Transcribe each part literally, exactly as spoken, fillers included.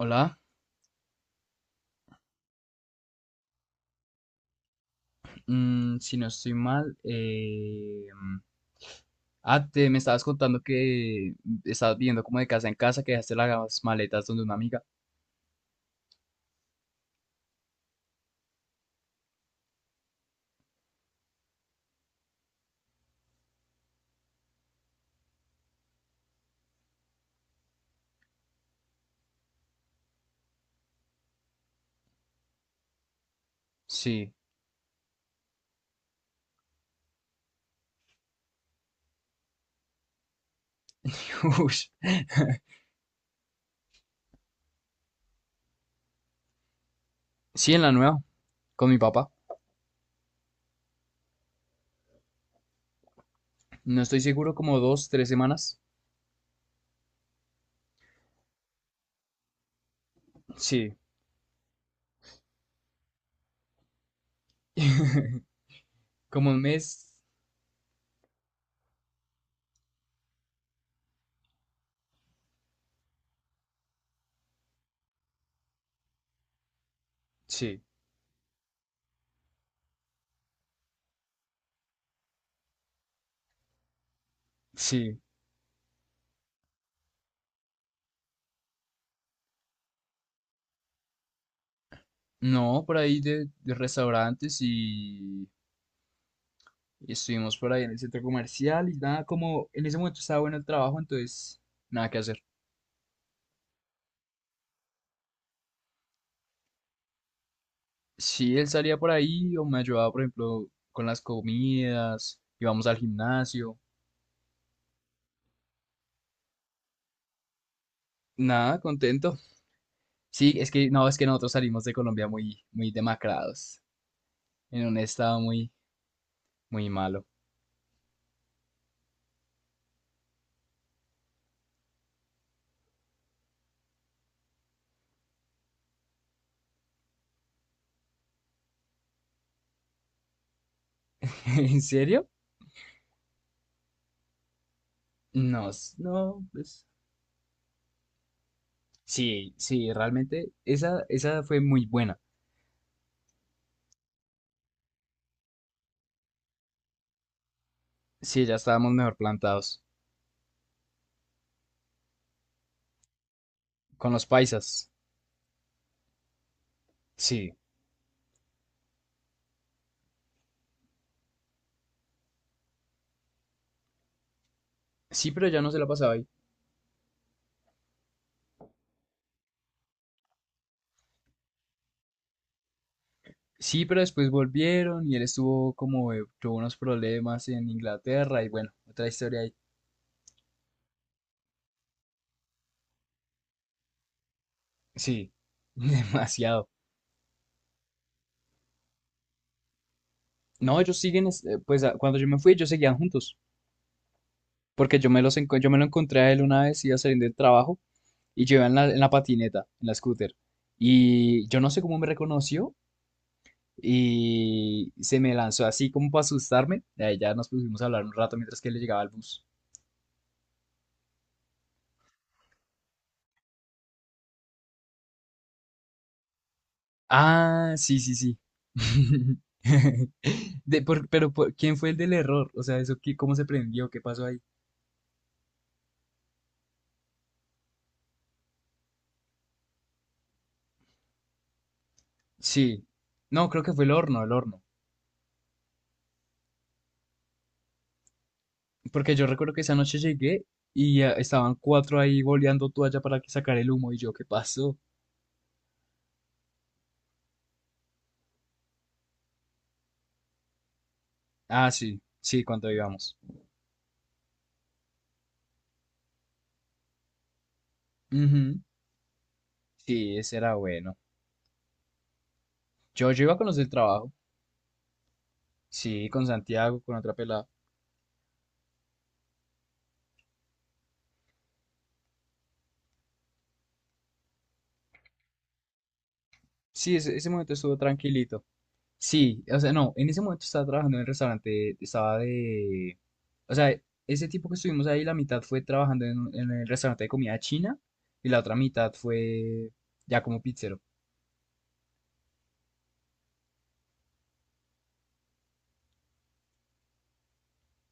Hola. Mm, si no estoy mal, eh, ah, te, me estabas contando que estabas viendo como de casa en casa, que dejaste las maletas donde una amiga. Sí. Ush. Sí, en la nueva, con mi papá. No estoy seguro, como dos, tres semanas, sí. Como un mes, sí. Sí. No, por ahí de, de, restaurantes y, y estuvimos por ahí en el centro comercial y nada, como en ese momento estaba bueno el trabajo, entonces nada que hacer. Sí, él salía por ahí o me ayudaba, por ejemplo, con las comidas, íbamos al gimnasio. Nada, contento. Sí, es que no, es que nosotros salimos de Colombia muy, muy demacrados, en un estado muy, muy malo. ¿En serio? No, s- no, pues. Sí, sí, realmente esa, esa fue muy buena. Sí, ya estábamos mejor plantados. Con los paisas. Sí. Sí, pero ya no se la pasaba ahí. Sí, pero después volvieron y él estuvo como, eh, tuvo unos problemas en Inglaterra y bueno, otra historia ahí. Sí. Demasiado. No, ellos siguen, es- eh, pues a- cuando yo me fui, ellos seguían juntos, porque yo me los enco- yo me lo encontré a él una vez, iba saliendo del trabajo y yo iba en la, en la patineta, en la scooter. Y yo no sé cómo me reconoció y se me lanzó así como para asustarme. Y ahí ya nos pusimos a hablar un rato mientras que él llegaba al bus. Ah, sí, sí, sí. De, por- pero, por- ¿Quién fue el del error? O sea, eso, qué- ¿cómo se prendió? ¿Qué pasó ahí? Sí. No, creo que fue el horno, el horno. Porque yo recuerdo que esa noche llegué y ah, estaban cuatro ahí boleando toalla para que sacar el humo y yo, ¿qué pasó? Ah, sí, sí, cuando íbamos. Ujú. Sí, ese era bueno. Yo, yo iba con los del trabajo. Sí, con Santiago, con otra pelada. Sí, ese, ese momento estuvo tranquilito. Sí, o sea, no, en ese momento estaba trabajando en el restaurante, estaba de... O sea, ese tipo que estuvimos ahí, la mitad fue trabajando en, un- en el restaurante de comida china y la otra mitad fue ya como pizzero.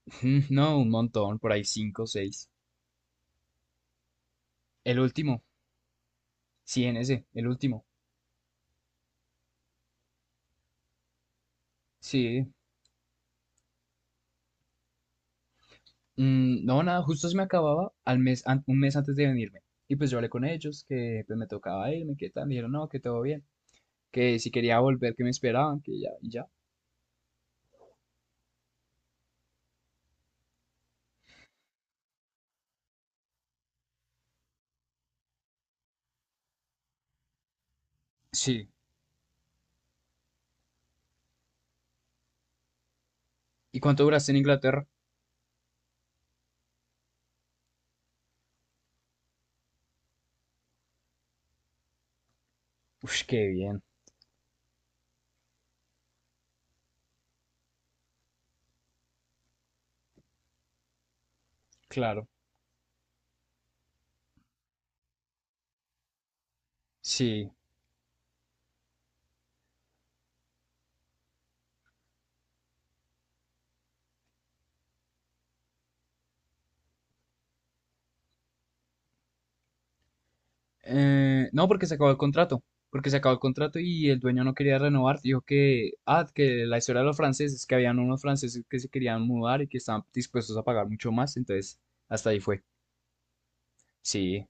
No, un montón, por ahí cinco, seis. El último, sí, en ese, el último. Sí. Mm, no, nada, justo se me acababa al mes, an- un mes antes de venirme. Y pues yo hablé con ellos, que pues me tocaba irme, que tal, me dijeron, no, que todo bien, que si quería volver, que me esperaban, que ya, y ya. Sí. ¿Y cuánto duraste en Inglaterra? Uf, qué bien. Claro. Sí. Eh, no, porque se acabó el contrato. Porque se acabó el contrato y el dueño no quería renovar. Dijo que, ah, que la historia de los franceses, que habían unos franceses que se querían mudar y que estaban dispuestos a pagar mucho más. Entonces, hasta ahí fue. Sí.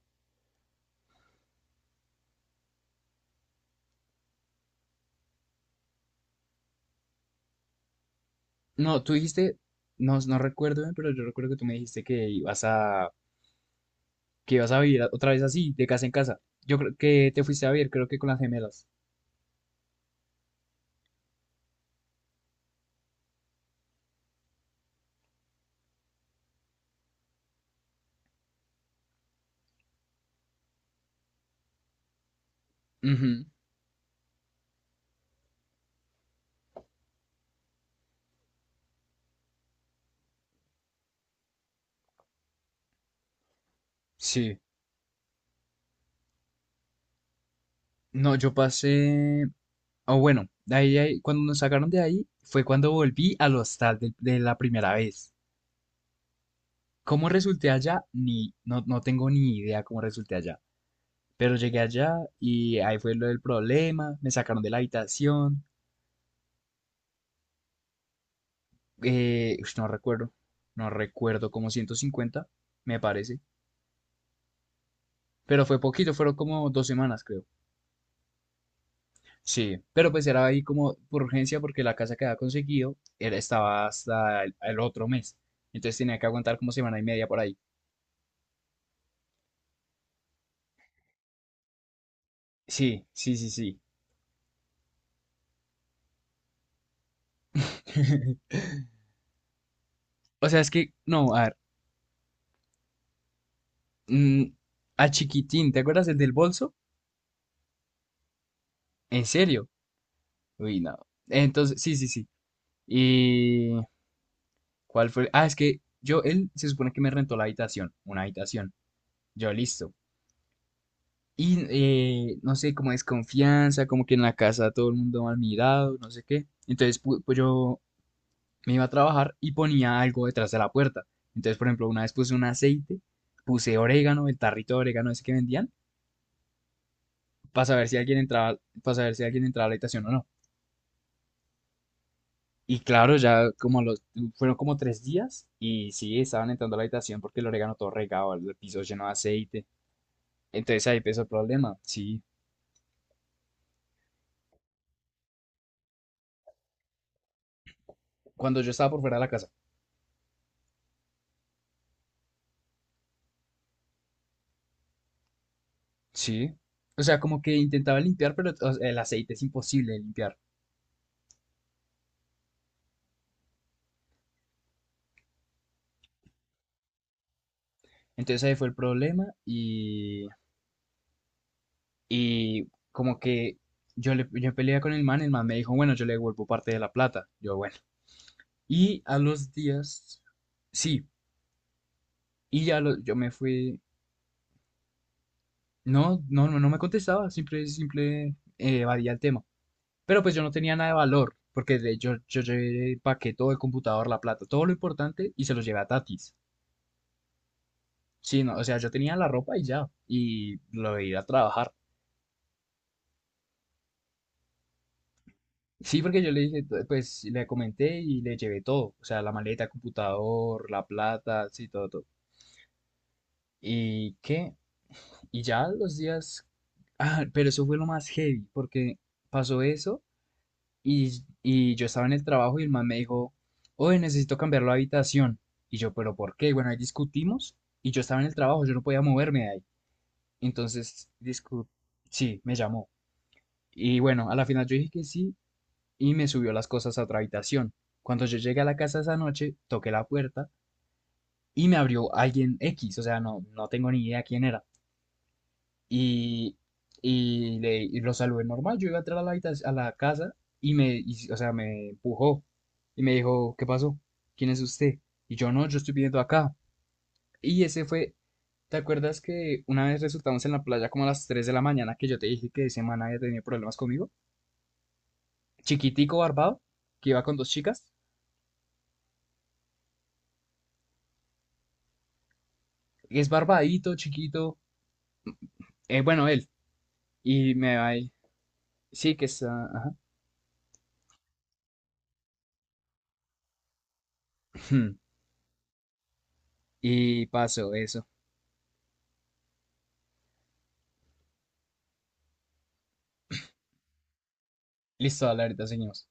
No, tú dijiste, no, no recuerdo bien, pero yo recuerdo que tú me dijiste que ibas a, que ibas a vivir otra vez así, de casa en casa. Yo creo que te fuiste a vivir, creo que con las gemelas. Ujú. Sí. No, yo pasé. O bueno, de ahí, ahí- cuando nos sacaron de ahí fue cuando volví al hostal de, de la primera vez. ¿Cómo resulté allá? Ni, no, no tengo ni idea cómo resulté allá. Pero llegué allá y ahí fue lo del problema. Me sacaron de la habitación. eh, ush, no recuerdo. No recuerdo, como ciento cincuenta me parece. Pero fue poquito, fueron como dos semanas, creo. Sí, pero pues era ahí como por urgencia porque la casa que había conseguido era, estaba hasta el el otro mes. Entonces tenía que aguantar como semana y media por ahí. Sí, sí, sí, sí. O sea, es que, no, a ver, mm, a Chiquitín, ¿te acuerdas el del bolso? ¿En serio? Uy, no. Entonces, sí, sí, sí. ¿Y cuál fue? Ah, es que yo, él se supone que me rentó la habitación, una habitación. Yo, listo. Y eh, no sé, como desconfianza, como que en la casa todo el mundo mal mirado, no sé qué. Entonces, pu- pues yo me iba a trabajar y ponía algo detrás de la puerta. Entonces, por ejemplo, una vez puse un aceite, puse orégano, el tarrito de orégano ese que vendían para saber si alguien entraba, para saber si alguien entraba a la habitación o no. Y claro, ya como los, fueron como tres días y sí, estaban entrando a la habitación porque el orégano todo regado, el piso lleno de aceite. Entonces ahí empezó el problema, sí. Cuando yo estaba por fuera de la casa, sí. O sea, como que intentaba limpiar, pero o sea, el aceite es imposible de limpiar. Entonces ahí fue el problema y, y como que yo, le, yo peleé con el man, el man me dijo, bueno, yo le devuelvo parte de la plata. Yo, bueno. Y a los días, sí, y ya lo- yo me fui. No, no, no, no me contestaba, simple, simple eh, evadía el tema. Pero pues yo no tenía nada de valor, porque de, yo, yo llevé el paquete, todo el computador, la plata, todo lo importante y se los llevé a Tatis. Sí, no, o sea, yo tenía la ropa y ya, y lo de ir a trabajar. Sí, porque yo le dije, t- pues le comenté y le llevé todo, o sea, la maleta, computador, la plata, sí, todo, todo. ¿Y qué? Y ya los días, ah, pero eso fue lo más heavy, porque pasó eso. Y, y yo estaba en el trabajo y el man me dijo, oye, necesito cambiar la habitación. Y yo, pero ¿por qué? Bueno, ahí discutimos y yo estaba en el trabajo, yo no podía moverme de ahí. Entonces, discu sí, me llamó. Y bueno, a la final yo dije que sí y me subió las cosas a otra habitación. Cuando yo llegué a la casa esa noche, toqué la puerta y me abrió alguien X, o sea, no, no tengo ni idea quién era. y, y, le, y lo saludé normal. Yo iba a entrar a la, habitac- a la casa y me, y- o sea, me empujó y me dijo, ¿qué pasó? ¿Quién es usted? Y yo no, yo estoy viviendo acá. Y ese fue, ¿te acuerdas que una vez resultamos en la playa como a las tres de la mañana que yo te dije que ese man había tenido problemas conmigo? Chiquitico barbado, que iba con dos chicas. Es barbadito, chiquito. eh, bueno, él. Y me va ahí. Sí, que está. Ajá. Y pasó eso. Listo, dale, ahorita seguimos.